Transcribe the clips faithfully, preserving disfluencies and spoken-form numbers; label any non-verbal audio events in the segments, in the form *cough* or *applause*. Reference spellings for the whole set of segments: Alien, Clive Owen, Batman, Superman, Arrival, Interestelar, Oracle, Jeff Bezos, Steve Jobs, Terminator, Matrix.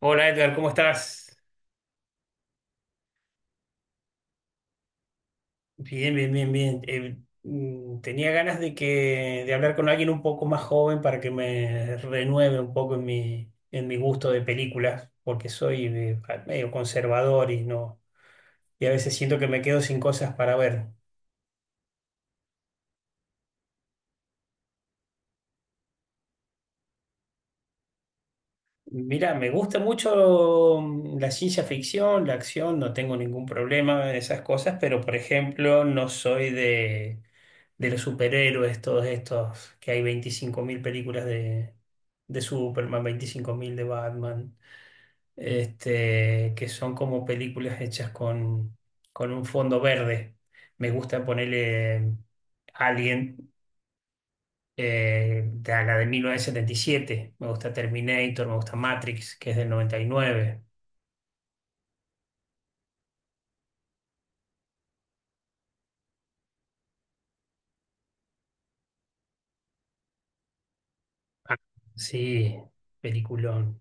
Hola Edgar, ¿cómo estás? Bien, bien, bien, bien. Eh, mm, tenía ganas de que de hablar con alguien un poco más joven para que me renueve un poco en mi en mi gusto de películas, porque soy eh, medio conservador y no, y a veces siento que me quedo sin cosas para ver. Mira, me gusta mucho mm, la ciencia ficción, la acción, no tengo ningún problema en esas cosas, pero por ejemplo, no soy de, de los superhéroes, todos estos, que hay veinticinco mil películas de, de Superman, veinticinco mil de Batman, este, que son como películas hechas con, con un fondo verde. Me gusta ponerle mm, Alien. Eh, de la de mil novecientos setenta y siete me gusta Terminator, me gusta Matrix, que es del noventa y nueve. Ah, sí, peliculón.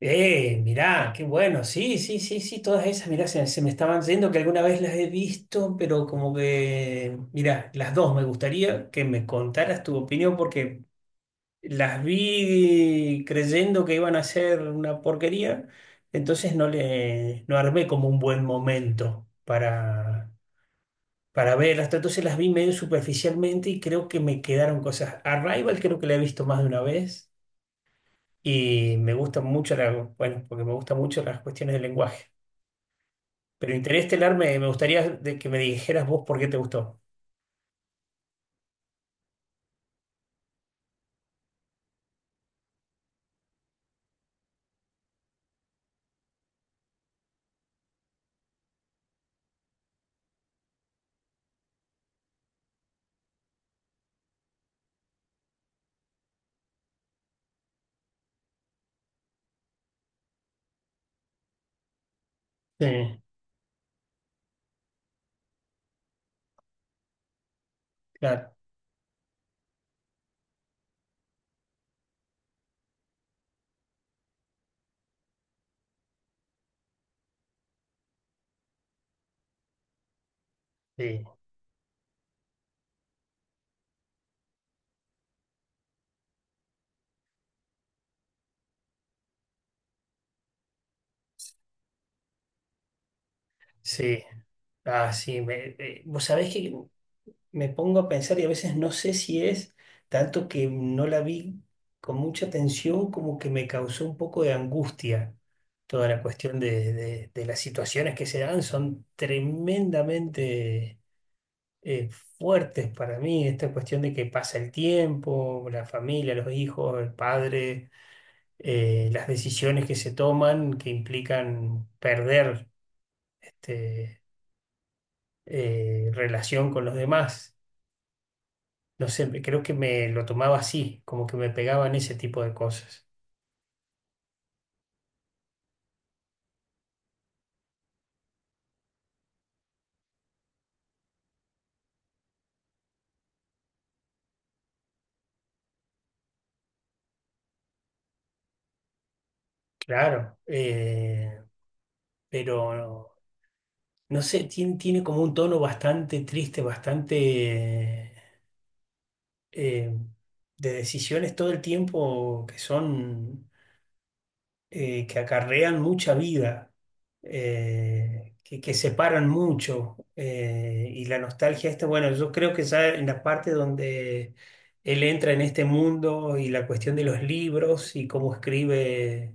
Eh, mirá, qué bueno, sí, sí, sí, sí, todas esas, mirá, se, se me estaban yendo que alguna vez las he visto, pero como que, mirá, las dos me gustaría que me contaras tu opinión porque las vi creyendo que iban a ser una porquería, entonces no le, no armé como un buen momento para para verlas, todo, entonces las vi medio superficialmente y creo que me quedaron cosas. Arrival creo que la he visto más de una vez y me gusta mucho la, bueno, porque me gustan mucho las cuestiones del lenguaje. Pero Interestelar me, me gustaría de que me dijeras vos por qué te gustó. Sí, claro, sí, sí. Ah, sí, me- eh, vos sabés que me pongo a pensar y a veces no sé si es tanto que no la vi con mucha atención como que me causó un poco de angustia toda la cuestión de, de- de las situaciones que se dan. Son tremendamente eh, fuertes para mí, esta cuestión de que pasa el tiempo, la familia, los hijos, el padre, eh, las decisiones que se toman que implican perder este, eh, relación con los demás. No sé, me- creo que me lo tomaba así, como que me pegaban ese tipo de cosas. Claro, eh, pero no sé, tiene, tiene como un tono bastante triste, bastante eh, de decisiones todo el tiempo que son. Eh, que, acarrean mucha vida, eh, que, que separan mucho. Eh, y la nostalgia esta, bueno, yo creo que ya en la parte donde él entra en este mundo y la cuestión de los libros y cómo escribe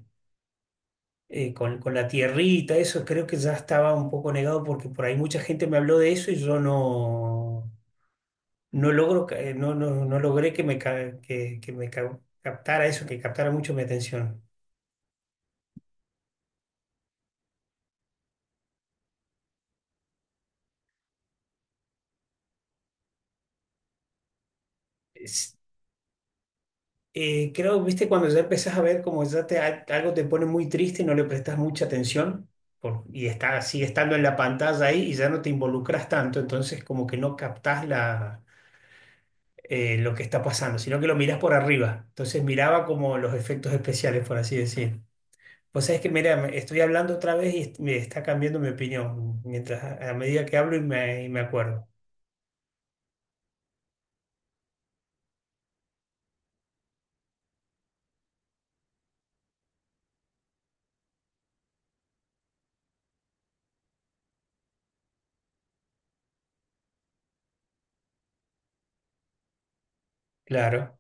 eh, con, con la tierrita, eso creo que ya estaba un poco negado porque por ahí mucha gente me habló de eso y yo no no logro, ca- eh, no, no, no logré que me, ca- que, que me ca- captara eso, que captara mucho mi atención. Eh, creo, viste, cuando ya empezás a ver como ya te, a- algo te pone muy triste y no le prestas mucha atención, por- y está, sigue estando en la pantalla ahí y ya no te involucras tanto, entonces como que no captás la, eh, lo que está pasando, sino que lo mirás por arriba. Entonces miraba como los efectos especiales, por así decir. Pues es que, mira, me- estoy hablando otra vez y est- me está cambiando mi opinión mientras a, a medida que hablo y me, y me acuerdo. Claro.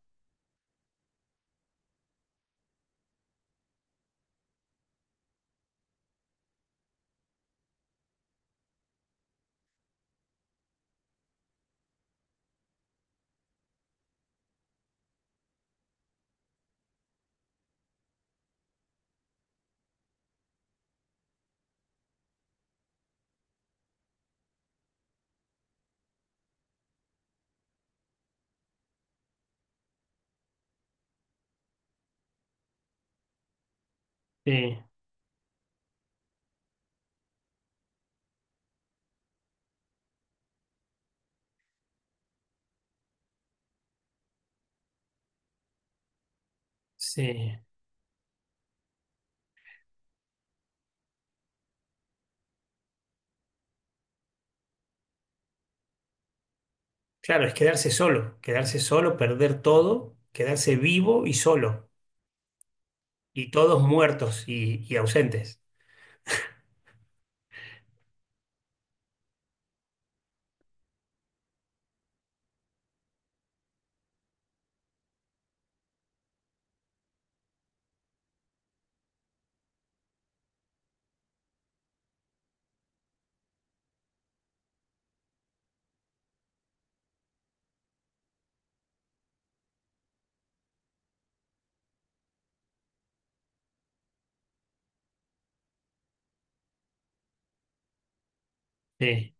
Sí, sí. Claro, es quedarse solo, quedarse solo, perder todo, quedarse vivo y solo, y todos muertos y, y ausentes. Sí,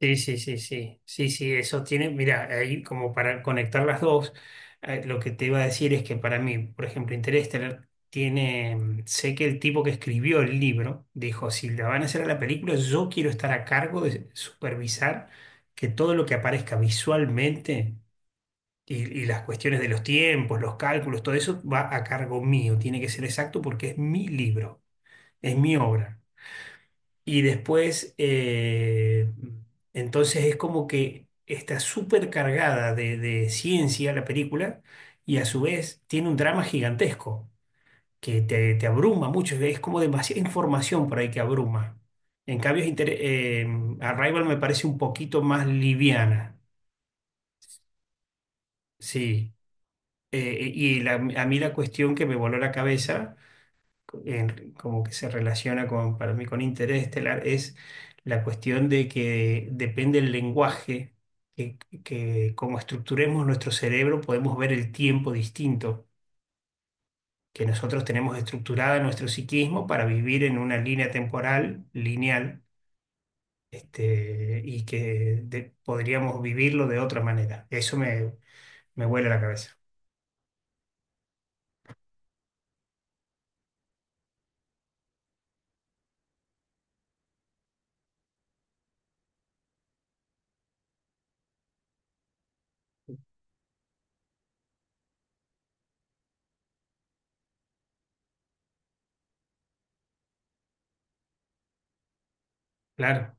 sí, sí, sí, sí, sí, sí, eso tiene, mira, ahí como para conectar las dos. Eh, lo que te iba a decir es que para mí, por ejemplo, Interestelar tiene, mm, sé que el tipo que escribió el libro dijo, si la van a hacer a la película, yo quiero estar a cargo de supervisar que todo lo que aparezca visualmente y, y las cuestiones de los tiempos, los cálculos, todo eso va a cargo mío, tiene que ser exacto porque es mi libro, es mi obra. Y después, eh, entonces es como que está súper cargada de, de ciencia la película y a su vez tiene un drama gigantesco que te, te abruma mucho, es como demasiada información por ahí que abruma. En cambio, es inter- eh, Arrival me parece un poquito más liviana, sí. Eh, y la- a mí la cuestión que me voló la cabeza, en- como que se relaciona con, para mí con interés estelar, es la cuestión de que depende el lenguaje, que, que como estructuremos nuestro cerebro podemos ver el tiempo distinto, que nosotros tenemos estructurada nuestro psiquismo para vivir en una línea temporal lineal, este, y que de- podríamos vivirlo de otra manera. Eso me, me vuela la cabeza. Claro.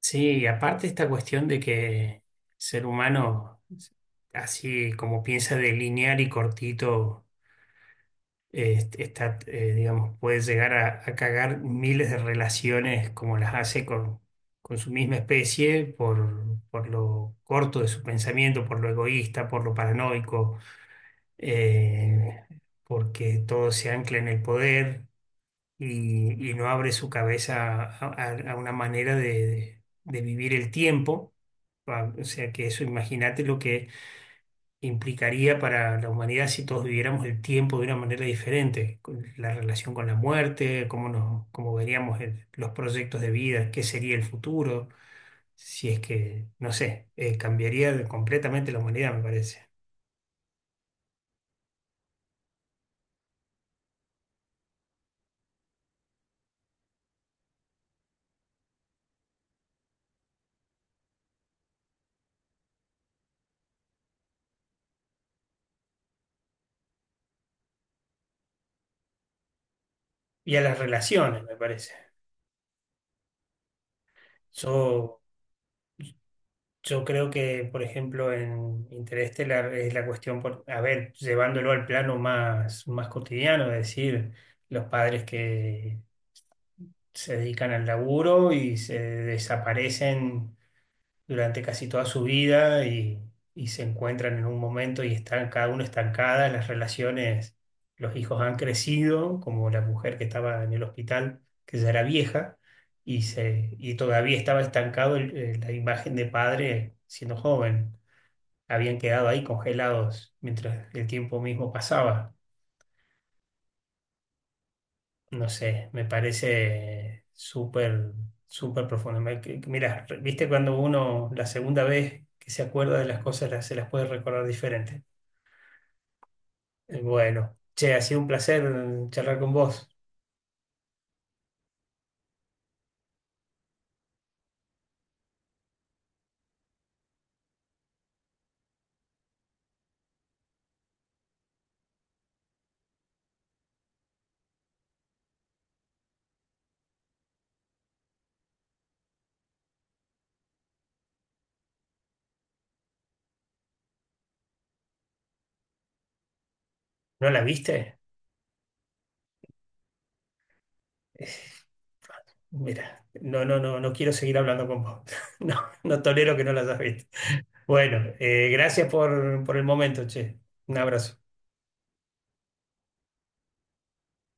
Sí, y aparte esta cuestión de que el ser humano, así como piensa de lineal y cortito, eh, está, eh, digamos, puede llegar a, a cagar miles de relaciones como las hace con, con su misma especie, por, por lo corto de su pensamiento, por lo egoísta, por lo paranoico, eh, porque todo se ancla en el poder y, y no abre su cabeza a, a- a una manera de, de- vivir el tiempo. Pa- O sea que eso, imagínate lo que implicaría para la humanidad si todos viviéramos el tiempo de una manera diferente, con la relación con la muerte, cómo nos, cómo veríamos el- los proyectos de vida, qué sería el futuro, si es que, no sé, eh, cambiaría de- completamente la humanidad, me parece. Y a las relaciones, me parece. Yo Yo creo que, por ejemplo, en Interestelar es la cuestión, por, a ver, llevándolo al plano más, más cotidiano, es decir, los padres que se dedican al laburo y se desaparecen durante casi toda su vida y, y se encuentran en un momento y están cada uno estancada, las relaciones, los hijos han crecido, como la mujer que estaba en el hospital, que ya era vieja, y, se, y todavía estaba estancado el- el- la imagen de padre siendo joven, habían quedado ahí congelados mientras el tiempo mismo pasaba. No sé, me parece súper, súper profundo. Me- que- que- Mira, re- viste cuando uno la segunda vez que se acuerda de las cosas las- se las puede recordar diferente. Eh, Bueno, che, ha sido un placer mm, charlar con vos. ¿No la viste? *laughs* Eh, Mira, no, no, no, no quiero seguir hablando con vos. *laughs* No, no tolero que no las hayas visto. Bueno, eh, gracias por, por el momento, che. Un abrazo.